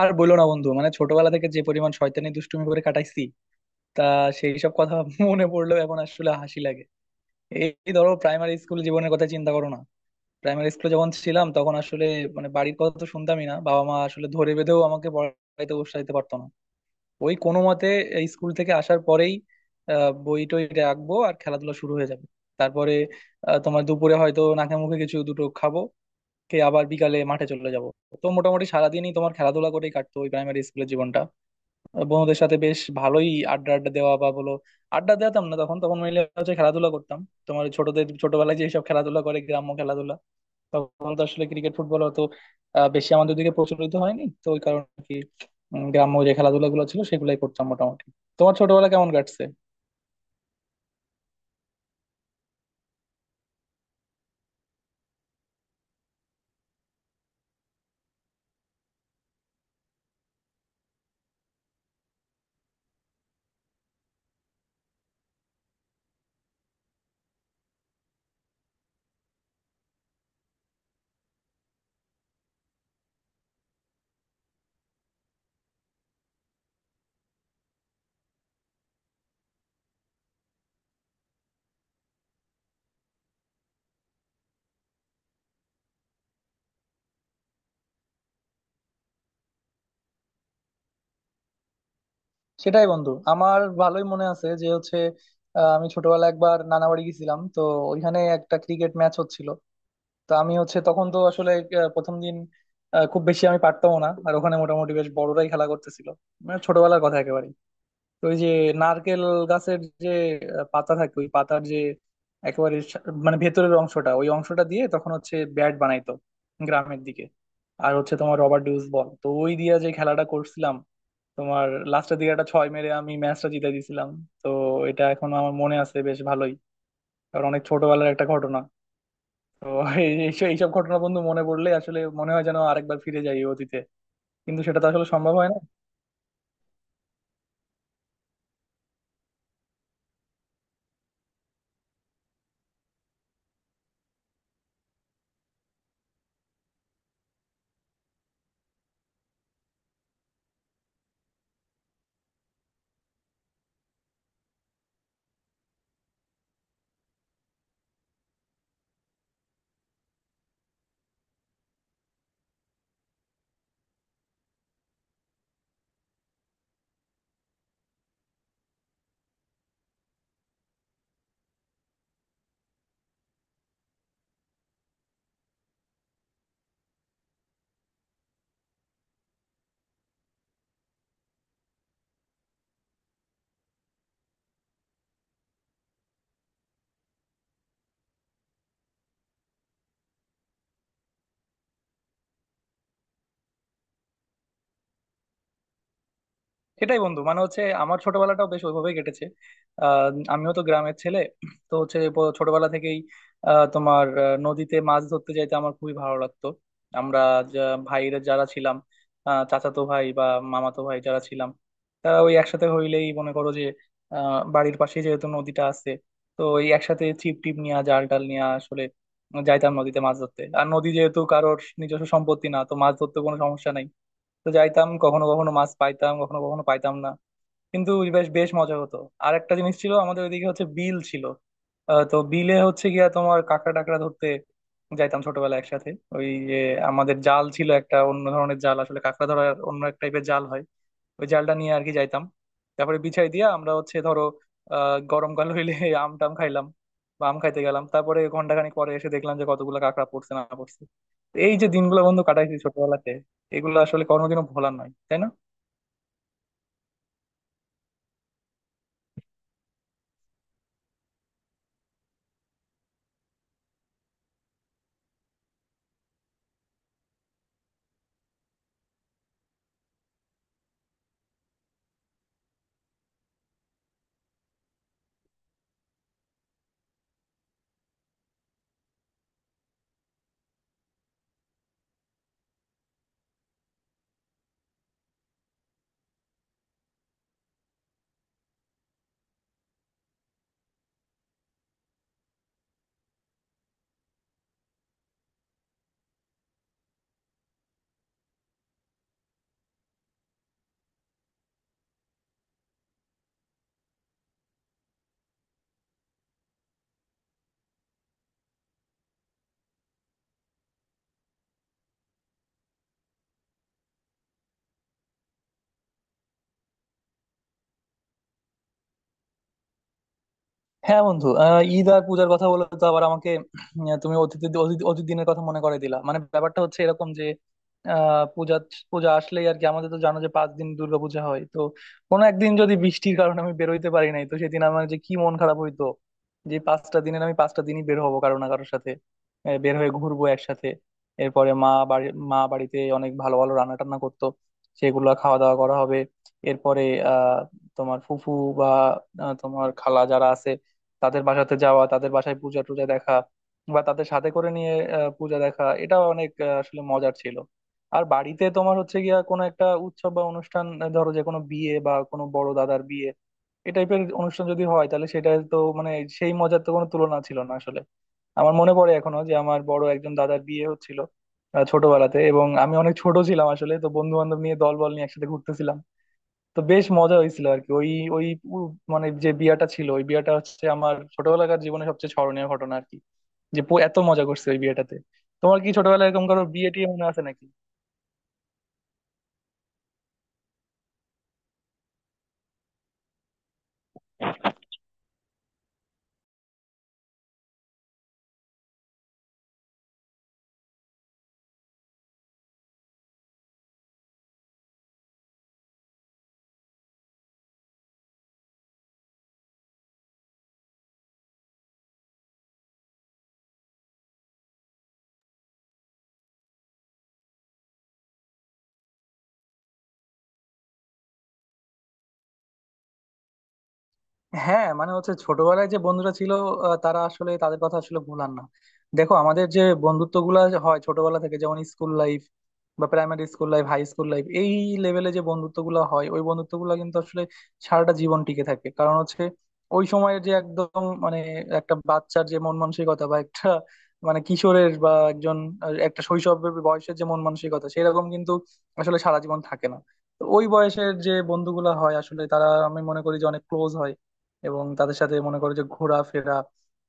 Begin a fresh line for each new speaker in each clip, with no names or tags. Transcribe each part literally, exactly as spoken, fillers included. আর বইলো না বন্ধু, মানে ছোটবেলা থেকে যে পরিমাণ শয়তানি দুষ্টুমি করে কাটাইছি তা সেই সব কথা মনে পড়লেও এখন আসলে হাসি লাগে। এই এই ধরো প্রাইমারি স্কুল জীবনের কথা চিন্তা করো না। প্রাইমারি স্কুলে যখন ছিলাম তখন আসলে মানে বাড়ির কথা তো শুনতামই না, বাবা মা আসলে ধরে বেঁধেও আমাকে পড়াইতে বসাইতে পারতো না। ওই কোনো মতে এই স্কুল থেকে আসার পরেই আহ বই টই রাখবো আর খেলাধুলা শুরু হয়ে যাবে। তারপরে আহ, তোমার দুপুরে হয়তো নাকে মুখে কিছু দুটো খাবো, খেয়ে আবার বিকালে মাঠে চলে যাবো। তো মোটামুটি সারাদিনই তোমার খেলাধুলা করেই কাটতো ওই প্রাইমারি স্কুলের জীবনটা। বন্ধুদের সাথে বেশ ভালোই আড্ডা আড্ডা দেওয়া বা বলো আড্ডা দিতাম না, তখন তখন মিলে হচ্ছে খেলাধুলা করতাম। তোমার ছোটদের ছোটবেলায় যেসব খেলাধুলা করে গ্রাম্য খেলাধুলা, তখন তো আসলে ক্রিকেট ফুটবল অত আহ, বেশি আমাদের দিকে প্রচলিত হয়নি, তো ওই কারণে আর কি। উম, গ্রাম্য যে খেলাধুলা গুলো ছিল সেগুলাই করতাম মোটামুটি। তোমার ছোটবেলা কেমন কাটছে? সেটাই বন্ধু, আমার ভালোই মনে আছে যে হচ্ছে আহ, আমি ছোটবেলায় একবার নানা বাড়ি গেছিলাম তো, ওইখানে একটা ক্রিকেট ম্যাচ হচ্ছিল। তো আমি হচ্ছে তখন তো আসলে আহ, প্রথম দিন আহ, খুব বেশি আমি পারতাম না, আর ওখানে মোটামুটি বেশ বড়রাই খেলা করতেছিল। মানে ছোটবেলার কথা একেবারে, তো ওই যে নারকেল গাছের যে আহ, পাতা থাকে ওই পাতার যে একেবারে সা- মানে ভেতরের অংশটা ওই অংশটা দিয়ে তখন হচ্ছে ব্যাট বানাইতো গ্রামের দিকে। আর হচ্ছে তোমার রবার ডিউস বল, তো ওই দিয়ে যে খেলাটা করছিলাম তোমার লাস্টের দিকে একটা ছয় মেরে আমি ম্যাচটা জিতে দিয়েছিলাম। তো এটা এখনো আমার মনে আছে বেশ ভালোই, কারণ অনেক ছোটবেলার একটা ঘটনা। তো এই- এইসব এইসব ঘটনা বন্ধু মনে পড়লে আসলে মনে হয় যেন আরেকবার ফিরে যাই এই অতীতে, কিন্তু সেটা তো আসলে সম্ভব হয় না। সেটাই বন্ধু, মানে হচ্ছে আমার ছোটবেলাটাও বেশ ওইভাবেই কেটেছে। আহ, আমিও তো গ্রামের ছেলে, তো হচ্ছে প- ছোটবেলা থেকেই আহ, তোমার আহ, নদীতে মাছ ধরতে যাইতে আমার খুবই ভালো লাগতো। আমরা যা- ভাইরা যারা ছিলাম, আহ, চাচাতো ভাই বা মামাতো ভাই যারা ছিলাম, তারা ওই একসাথে হইলেই মনে করো যে আহ, বাড়ির পাশে যেহেতু নদীটা আছে, তো ওই একসাথে ছিপ টিপ নিয়ে জাল টাল নিয়ে আসলে যাইতাম নদীতে মাছ ধরতে। আর নদী যেহেতু কারোর নিজস্ব সম্পত্তি না, তো মাছ ধরতে কোনো সমস্যা নাই। তো যাইতাম, কখনো কখনো মাছ পাইতাম কখনো কখনো পাইতাম না, কিন্তু বেশ বেশ মজা হতো। আর একটা জিনিস ছিল, আমাদের ওইদিকে হচ্ছে বিল ছিল। আহ, তো বিলে হচ্ছে গিয়া তোমার কাঁকড়া টাকড়া ধরতে যাইতাম ছোটবেলায় একসাথে। ওই যে আমাদের জাল ছিল একটা অন্য ধরনের জাল, আসলে কাঁকড়া ধরার অন্য এক টাইপের জাল হয়। ওই জালটা নিয়ে আর কি যাইতাম। তারপরে বিছাই দিয়া আমরা হচ্ছে ধরো আহ গরমকাল হইলে আম টাম খাইলাম বা আম খাইতে গেলাম, তারপরে ঘন্টাখানেক পরে এসে দেখলাম যে কতগুলো কাঁকড়া পড়ছে না পড়ছে। তো এই যে দিনগুলো বন্ধু কাটাইছি ছোটবেলাতে, এগুলো আসলে কোনোদিনও ভোলার নয় তাই না? হ্যাঁ বন্ধু, আহ, ঈদ আর পূজার কথা বলে তো আবার আমাকে উম, তুমি অতীতের অতীত অতীত দিনের কথা মনে করে দিলা, মানে ব্যাপারটা হচ্ছে এরকম যে আহ পূজা পূজা আসলেই আর কি। আমাদের তো জানো যে পাঁচ দিন দুর্গাপূজা হয়, তো কোনো একদিন যদি বৃষ্টির কারণে আমি বেরোইতে পারি নাই, তো সেদিন আমার যে কি মন খারাপ হইতো। যে পাঁচটা দিনের আমি পাঁচটা দিনই বের হবো কারো না কারোর সাথে, আহ, বের হয়ে ঘুরবো একসাথে। এরপরে মা বাড়ি মা বাড়িতে অনেক ভালো ভালো রান্না টান্না করতো, সেগুলো খাওয়া দাওয়া করা হবে। এরপরে আহ তোমার ফুফু বা আহ, তোমার খালা যারা আছে তাদের বাসাতে যাওয়া, তাদের বাসায় পূজা টুজা দেখা, বা তাদের সাথে করে নিয়ে আহ, পূজা দেখা, এটা অনেক আহ, আসলে মজার ছিল। আর বাড়িতে তোমার হচ্ছে গিয়া কোনো একটা উৎসব বা অনুষ্ঠান, আহ, ধরো যে কোনো বিয়ে বা কোনো বড় দাদার বিয়ে, এই টাইপের অনুষ্ঠান যদি হয় তাহলে সেটা তো মানে সেই মজার তো কোনো তুলনা ছিল না আসলে। আমার মনে পড়ে এখনো যে আমার বড় একজন দাদার বিয়ে হচ্ছিল আহ, ছোটবেলাতে, এবং আমি অনেক ছোট ছিলাম আসলে, তো বন্ধু বান্ধব নিয়ে দল বল নিয়ে একসাথে ঘুরতেছিলাম। তো বেশ মজা হয়েছিল আর কি, ওই ওই উ- মানে যে বিয়াটা ছিল ওই বিয়াটা হচ্ছে আমার ছোটবেলাকার জীবনে সবচেয়ে স্মরণীয় ঘটনা আর কি, যে পু- এত মজা করছে ওই বিয়েটাতে। তোমার কি ছোটবেলায় এরকম কারো বিয়ে টিয়ে মনে আছে নাকি? হ্যাঁ মানে হচ্ছে ছোটবেলায় যে বন্ধুরা ছিল আহ, তারা আসলে তাদের কথা আসলে ভোলার না। দেখো, আমাদের যে বন্ধুত্ব গুলা হয় ছোটবেলা থেকে, যেমন স্কুল লাইফ বা primary school life, high school life, এই লেভেলে যে বন্ধুত্ব গুলা হয় ওই বন্ধুত্ব গুলা কিন্তু আসলে সারাটা জীবন টিকে থাকে। কারণ হচ্ছে ওই সময়ের যে একদম মানে একটা বাচ্চার যে মন মানসিকতা বা একটা মানে কিশোরের বা একজন আহ, একটা শৈশবের বয়সের যে মন মানসিকতা সেরকম কিন্তু আসলে সারা জীবন থাকে না। তো ওই বয়সের যে বন্ধুগুলা হয় আসলে তারা, আমি মনে করি যে অনেক ক্লোজ হয়। এবং তাদের সাথে মনে করো যে ঘোরাফেরা,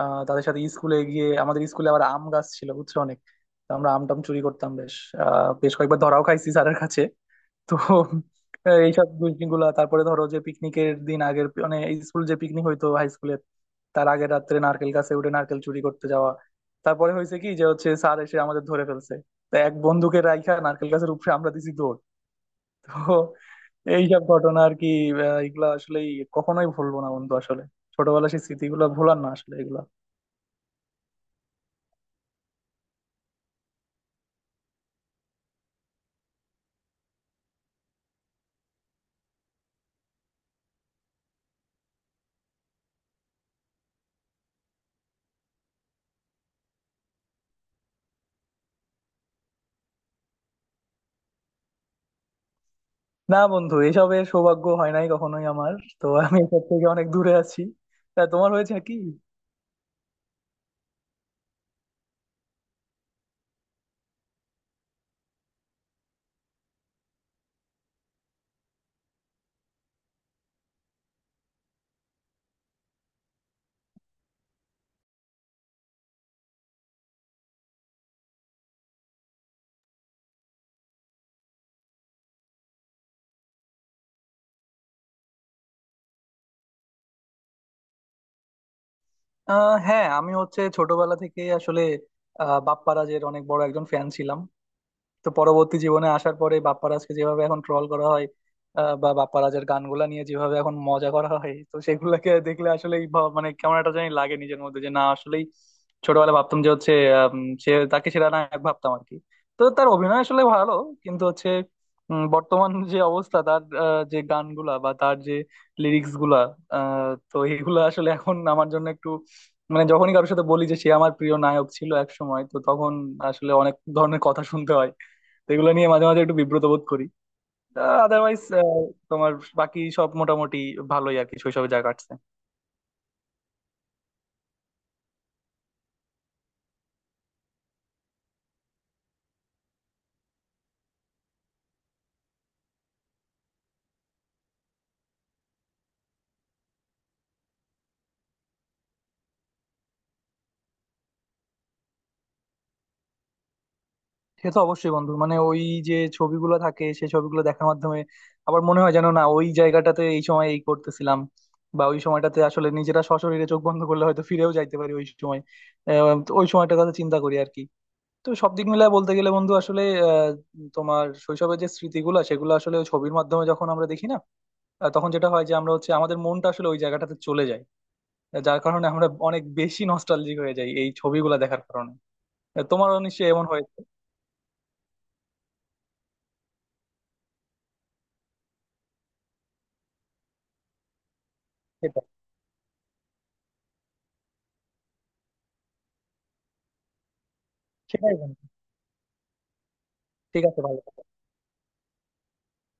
আহ তাদের সাথে স্কুলে গিয়ে আমাদের স্কুলে আবার আম গাছ ছিল বুঝছো অনেক। তো আমরা আম টাম চুরি করতাম বেশ, আহ বেশ কয়েকবার ধরাও খাইছি স্যারের কাছে। তো আহ, এইসব গুলা, তারপরে ধরো যে পিকনিকের দিন আগের, মানে স্কুল যে পিকনিক হইতো হাই স্কুলে তার আগের রাত্রে নারকেল গাছে উঠে নারকেল চুরি করতে যাওয়া। তারপরে হয়েছে কি যে হচ্ছে স্যার এসে আমাদের ধরে ফেলছে, তা এক বন্ধুকে রাইখা নারকেল গাছের উপরে আমরা দিছি দৌড়। তো এইসব ঘটনা আর কি, আহ, এগুলা আসলেই কখনোই ভুলবো না বন্ধু, আসলে ছোটবেলার সেই স্মৃতিগুলো ভোলার না আসলে এগুলা। না বন্ধু, এসবের সৌভাগ্য হয় নাই কখনোই আমার, তো আমি এসব থেকে অনেক দূরে আছি। তা তোমার হয়েছে কি? আহ হ্যাঁ, আমি হচ্ছে ছোটবেলা থেকে আসলে আহ বাপ্পারাজের অনেক বড় একজন ফ্যান ছিলাম। তো পরবর্তী জীবনে আসার পরে বাপ্পারাজকে যেভাবে এখন ট্রল করা হয়, আহ, বা বাপ্পারাজের গানগুলা নিয়ে যেভাবে এখন মজা করা হয়, তো সেগুলোকে দেখলে আসলে মানে কেমন একটা জানি লাগে নিজের মধ্যে, যে না আসলেই ছোটবেলায় ভাবতাম যে হচ্ছে আম, সে তাকে সেরা নায়ক ভাবতাম আর কি। তো তার অভিনয় আসলে ভালো, কিন্তু হচ্ছে উম, বর্তমান যে অবস্থা তার আহ, যে গানগুলা বা তার যে লিরিক্স গুলা, আহ, তো এগুলা আসলে এখন আমার জন্য একটু মানে যখনই কারোর সাথে বলি যে সে আমার প্রিয় নায়ক ছিল এক সময়, তো তখন আসলে অনেক ধরনের কথা শুনতে হয়। তো এগুলো নিয়ে মাঝে মাঝে একটু বিব্রত বোধ করি। আদারওয়াইজ তোমার বাকি সব মোটামুটি ভালোই আর কি শৈশবে যা কাটছে। সে তো অবশ্যই বন্ধু, মানে ওই যে ছবিগুলো থাকে সেই ছবিগুলো দেখার মাধ্যমে আবার মনে হয় যেন না ওই জায়গাটাতে এই সময় এই করতেছিলাম বা ওই সময়টাতে, আসলে নিজেরা সশরীরে চোখ বন্ধ করলে হয়তো ফিরেও যাইতে পারি ওই সময়। আহ, তো ওই সময়টার কথা চিন্তা করি আর কি। তো সব দিক মিলায় বলতে গেলে বন্ধু আসলে আহ, তোমার শৈশবের যে স্মৃতিগুলো সেগুলো আসলে ওই ছবির মাধ্যমে যখন আমরা দেখি না, আহ, তখন যেটা হয় যে আমরা হচ্ছে আমাদের মনটা আসলে ওই জায়গাটাতে চলে যায়, যার কারণে আমরা অনেক বেশি নস্টালজিক হয়ে যাই এই ছবিগুলা দেখার কারণে। তোমারও নিশ্চয়ই এমন হয়েছে। সেটাই সেটাই বন্ধু, ঠিক আছে ভালো থেকো।